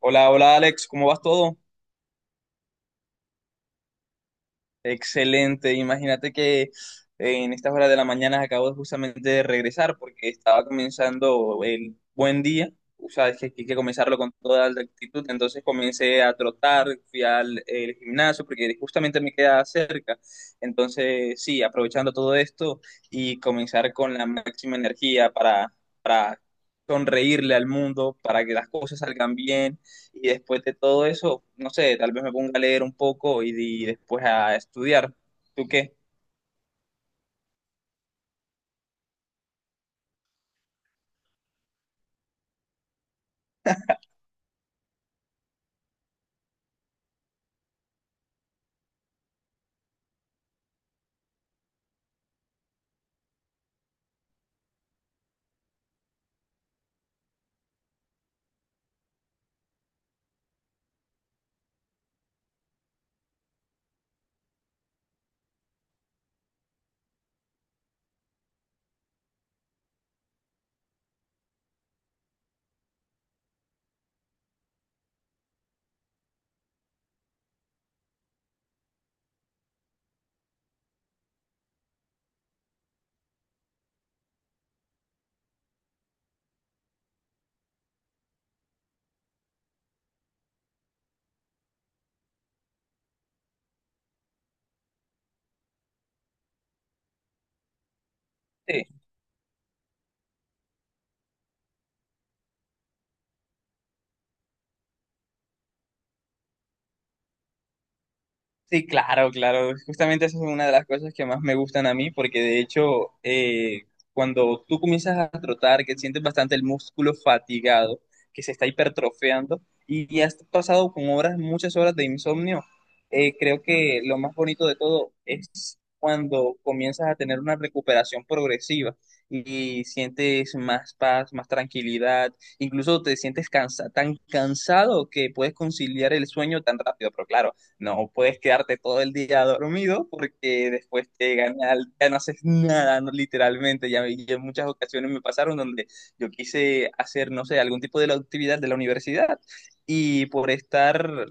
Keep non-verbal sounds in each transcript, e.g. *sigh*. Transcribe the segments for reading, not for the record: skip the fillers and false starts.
Hola, hola Alex, ¿cómo vas todo? Excelente, imagínate que en estas horas de la mañana acabo justamente de regresar porque estaba comenzando el buen día. O sea, es que hay que comenzarlo con toda la actitud, entonces comencé a trotar, fui al el gimnasio porque justamente me queda cerca. Entonces sí, aprovechando todo esto y comenzar con la máxima energía para sonreírle al mundo, para que las cosas salgan bien. Y después de todo eso, no sé, tal vez me ponga a leer un poco y después a estudiar. ¿Tú qué? Sí. Sí, claro, claro. Justamente esa es una de las cosas que más me gustan a mí, porque de hecho, cuando tú comienzas a trotar, que sientes bastante el músculo fatigado, que se está hipertrofeando, y has pasado con horas, muchas horas de insomnio. Creo que lo más bonito de todo es cuando comienzas a tener una recuperación progresiva y sientes más paz, más tranquilidad, incluso te sientes cansa tan cansado que puedes conciliar el sueño tan rápido, pero claro. No puedes quedarte todo el día dormido porque después te gana, ya no haces nada, no, literalmente. Ya, ya en muchas ocasiones me pasaron donde yo quise hacer, no sé, algún tipo de la actividad de la universidad y por estar,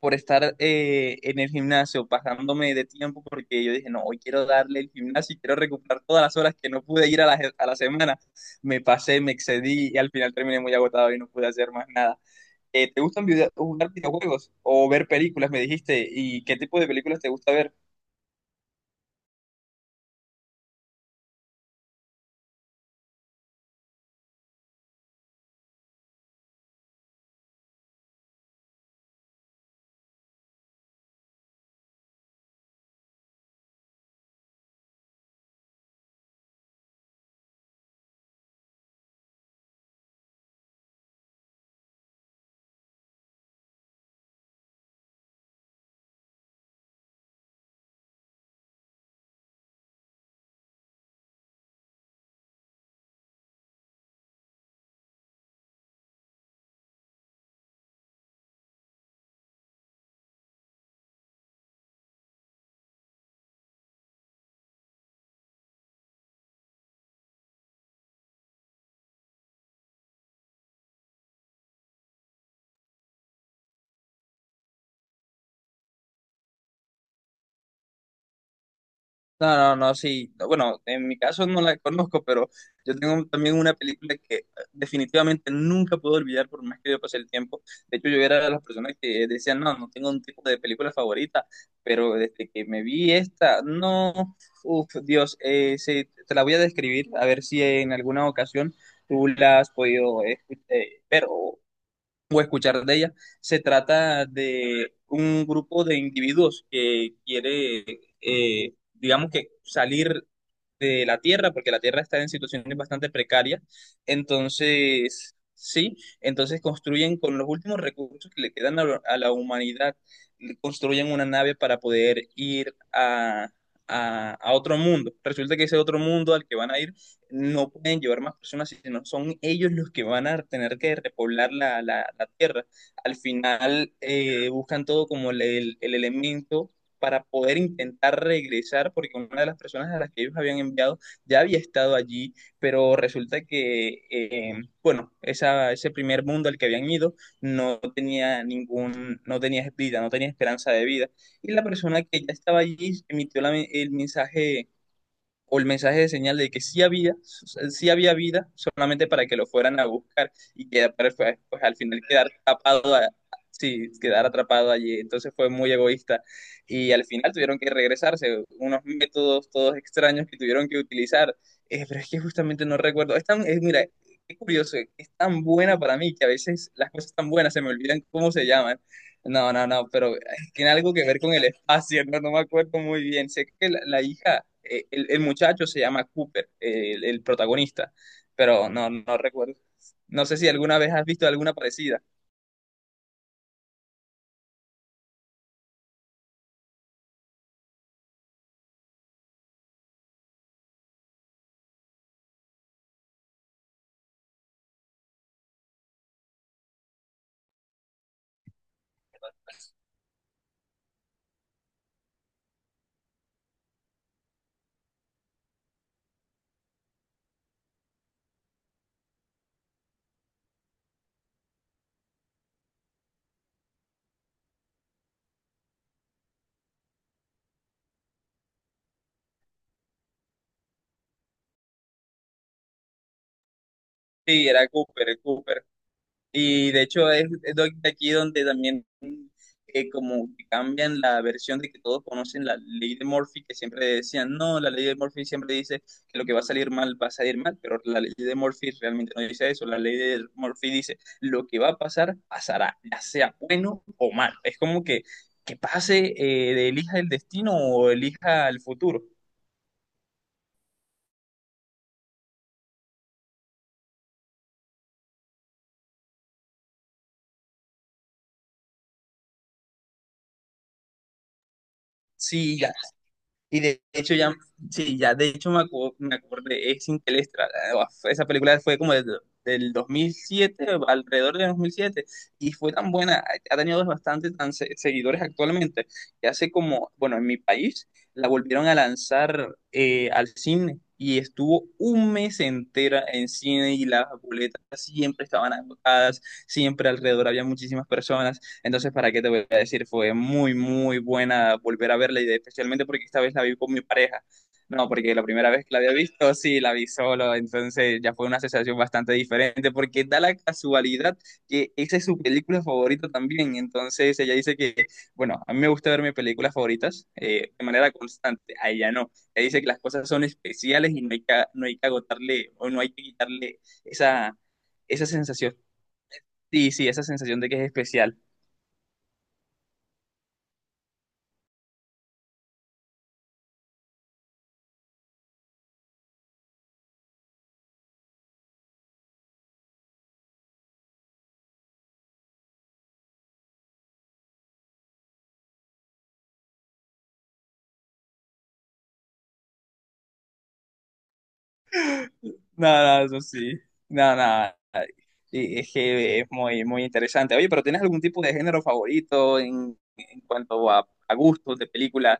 por estar en el gimnasio pasándome de tiempo porque yo dije, no, hoy quiero darle el gimnasio y quiero recuperar todas las horas que no pude ir a la semana. Me pasé, me excedí y al final terminé muy agotado y no pude hacer más nada. ¿Te gustan jugar videojuegos o ver películas, me dijiste? ¿Y qué tipo de películas te gusta ver? No, no, no, sí. No, bueno, en mi caso no la conozco, pero yo tengo también una película que definitivamente nunca puedo olvidar por más que yo pase el tiempo. De hecho, yo era de las personas que decían, no, no tengo un tipo de película favorita, pero desde que me vi esta, no, uff, Dios, sí, te la voy a describir, a ver si en alguna ocasión tú la has podido ver o escuchar de ella. Se trata de un grupo de individuos que quiere, digamos que salir de la Tierra, porque la Tierra está en situaciones bastante precarias. Entonces, sí, entonces construyen con los últimos recursos que le quedan la a la humanidad, construyen una nave para poder ir a... a otro mundo. Resulta que ese otro mundo al que van a ir no pueden llevar más personas, sino son ellos los que van a tener que repoblar la tierra. Al final buscan todo como el elemento para poder intentar regresar, porque una de las personas a las que ellos habían enviado ya había estado allí, pero resulta que, bueno, ese primer mundo al que habían ido no tenía ningún, no tenía vida, no tenía esperanza de vida. Y la persona que ya estaba allí emitió el mensaje o el mensaje de señal de que sí había vida, solamente para que lo fueran a buscar y que pues, pues, al final quedar atrapado, sí, quedar atrapado allí. Entonces fue muy egoísta y al final tuvieron que regresarse, unos métodos todos extraños que tuvieron que utilizar. Pero es que justamente no recuerdo. Mira, qué curioso, es tan buena para mí que a veces las cosas tan buenas se me olvidan cómo se llaman. No, no, no, pero tiene algo que ver con el espacio, no, no me acuerdo muy bien. Sé que la hija, muchacho se llama Cooper, protagonista, pero no, no recuerdo. No sé si alguna vez has visto alguna parecida. Sí, era Cooper, el Cooper. Y de hecho es de aquí donde también como que cambian la versión de que todos conocen la ley de Murphy, que siempre decían, no, la ley de Murphy siempre dice que lo que va a salir mal va a salir mal, pero la ley de Murphy realmente no dice eso, la ley de Murphy dice, lo que va a pasar, pasará, ya sea bueno o mal. Es como que pase, de elija el destino o elija el futuro. Sí, ya. Y de hecho ya, sí, ya de hecho me acordé, es Interestelar. Ah, esa película fue como del 2007, alrededor del 2007, y fue tan buena, ha tenido bastantes seguidores actualmente, que hace como, bueno, en mi país la volvieron a lanzar al cine, y estuvo un mes entera en cine, y las boletas siempre estaban agotadas, siempre alrededor había muchísimas personas. Entonces, ¿para qué te voy a decir? Fue muy, muy buena volver a verla y especialmente porque esta vez la vi con mi pareja. No, porque la primera vez que la había visto, sí, la vi solo, entonces ya fue una sensación bastante diferente porque da la casualidad que esa es su película favorita también. Entonces ella dice que, bueno, a mí me gusta ver mis películas favoritas de manera constante, a ella no. Ella dice que las cosas son especiales y no hay que, no hay que agotarle o no hay que quitarle esa, esa sensación. Sí, sí, esa sensación de que es especial. Nada, eso sí. Nada, nada. Y es que es muy, muy interesante. Oye, pero ¿tienes algún tipo de género favorito en cuanto a gustos de películas?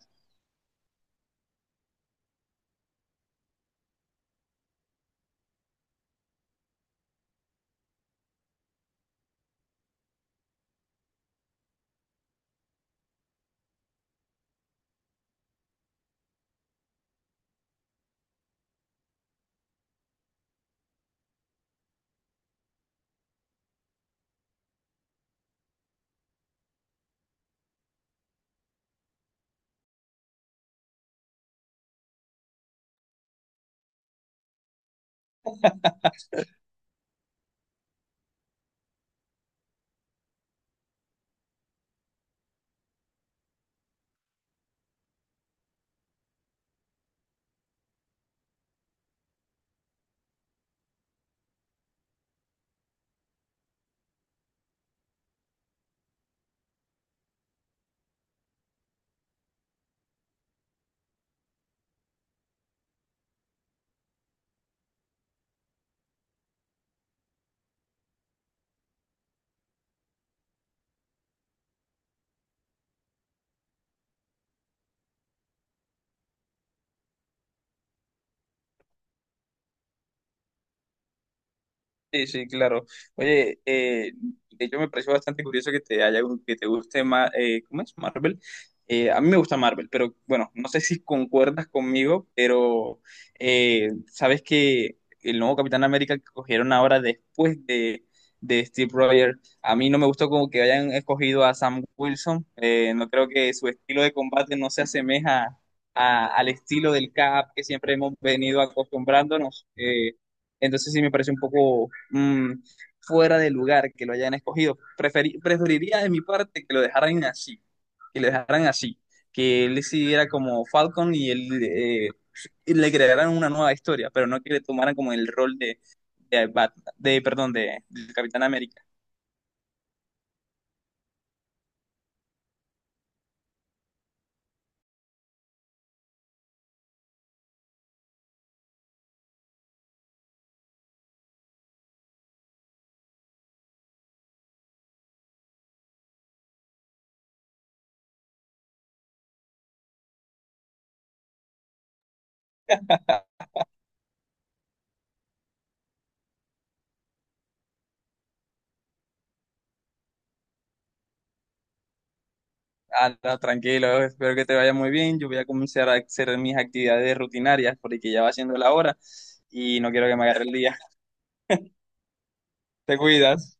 Sí, sí, claro. Oye, de hecho me pareció bastante curioso que te haya, que te guste más, ¿cómo es? Marvel. A mí me gusta Marvel, pero bueno, no sé si concuerdas conmigo, pero sabes que el nuevo Capitán América que cogieron ahora después de Steve Rogers, a mí no me gustó como que hayan escogido a Sam Wilson. No creo que su estilo de combate no se asemeja al estilo del Cap que siempre hemos venido acostumbrándonos. Entonces sí me parece un poco fuera de lugar que lo hayan escogido. Preferiría de mi parte que lo dejaran así, que lo dejaran así, que él siguiera como Falcon y él y le crearan una nueva historia, pero no que le tomaran como el rol de Batman, de, perdón, de Capitán América. *laughs* Ah, no, tranquilo, espero que te vaya muy bien. Yo voy a comenzar a hacer mis actividades rutinarias porque ya va siendo la hora y no quiero que me agarre el día. Te cuidas.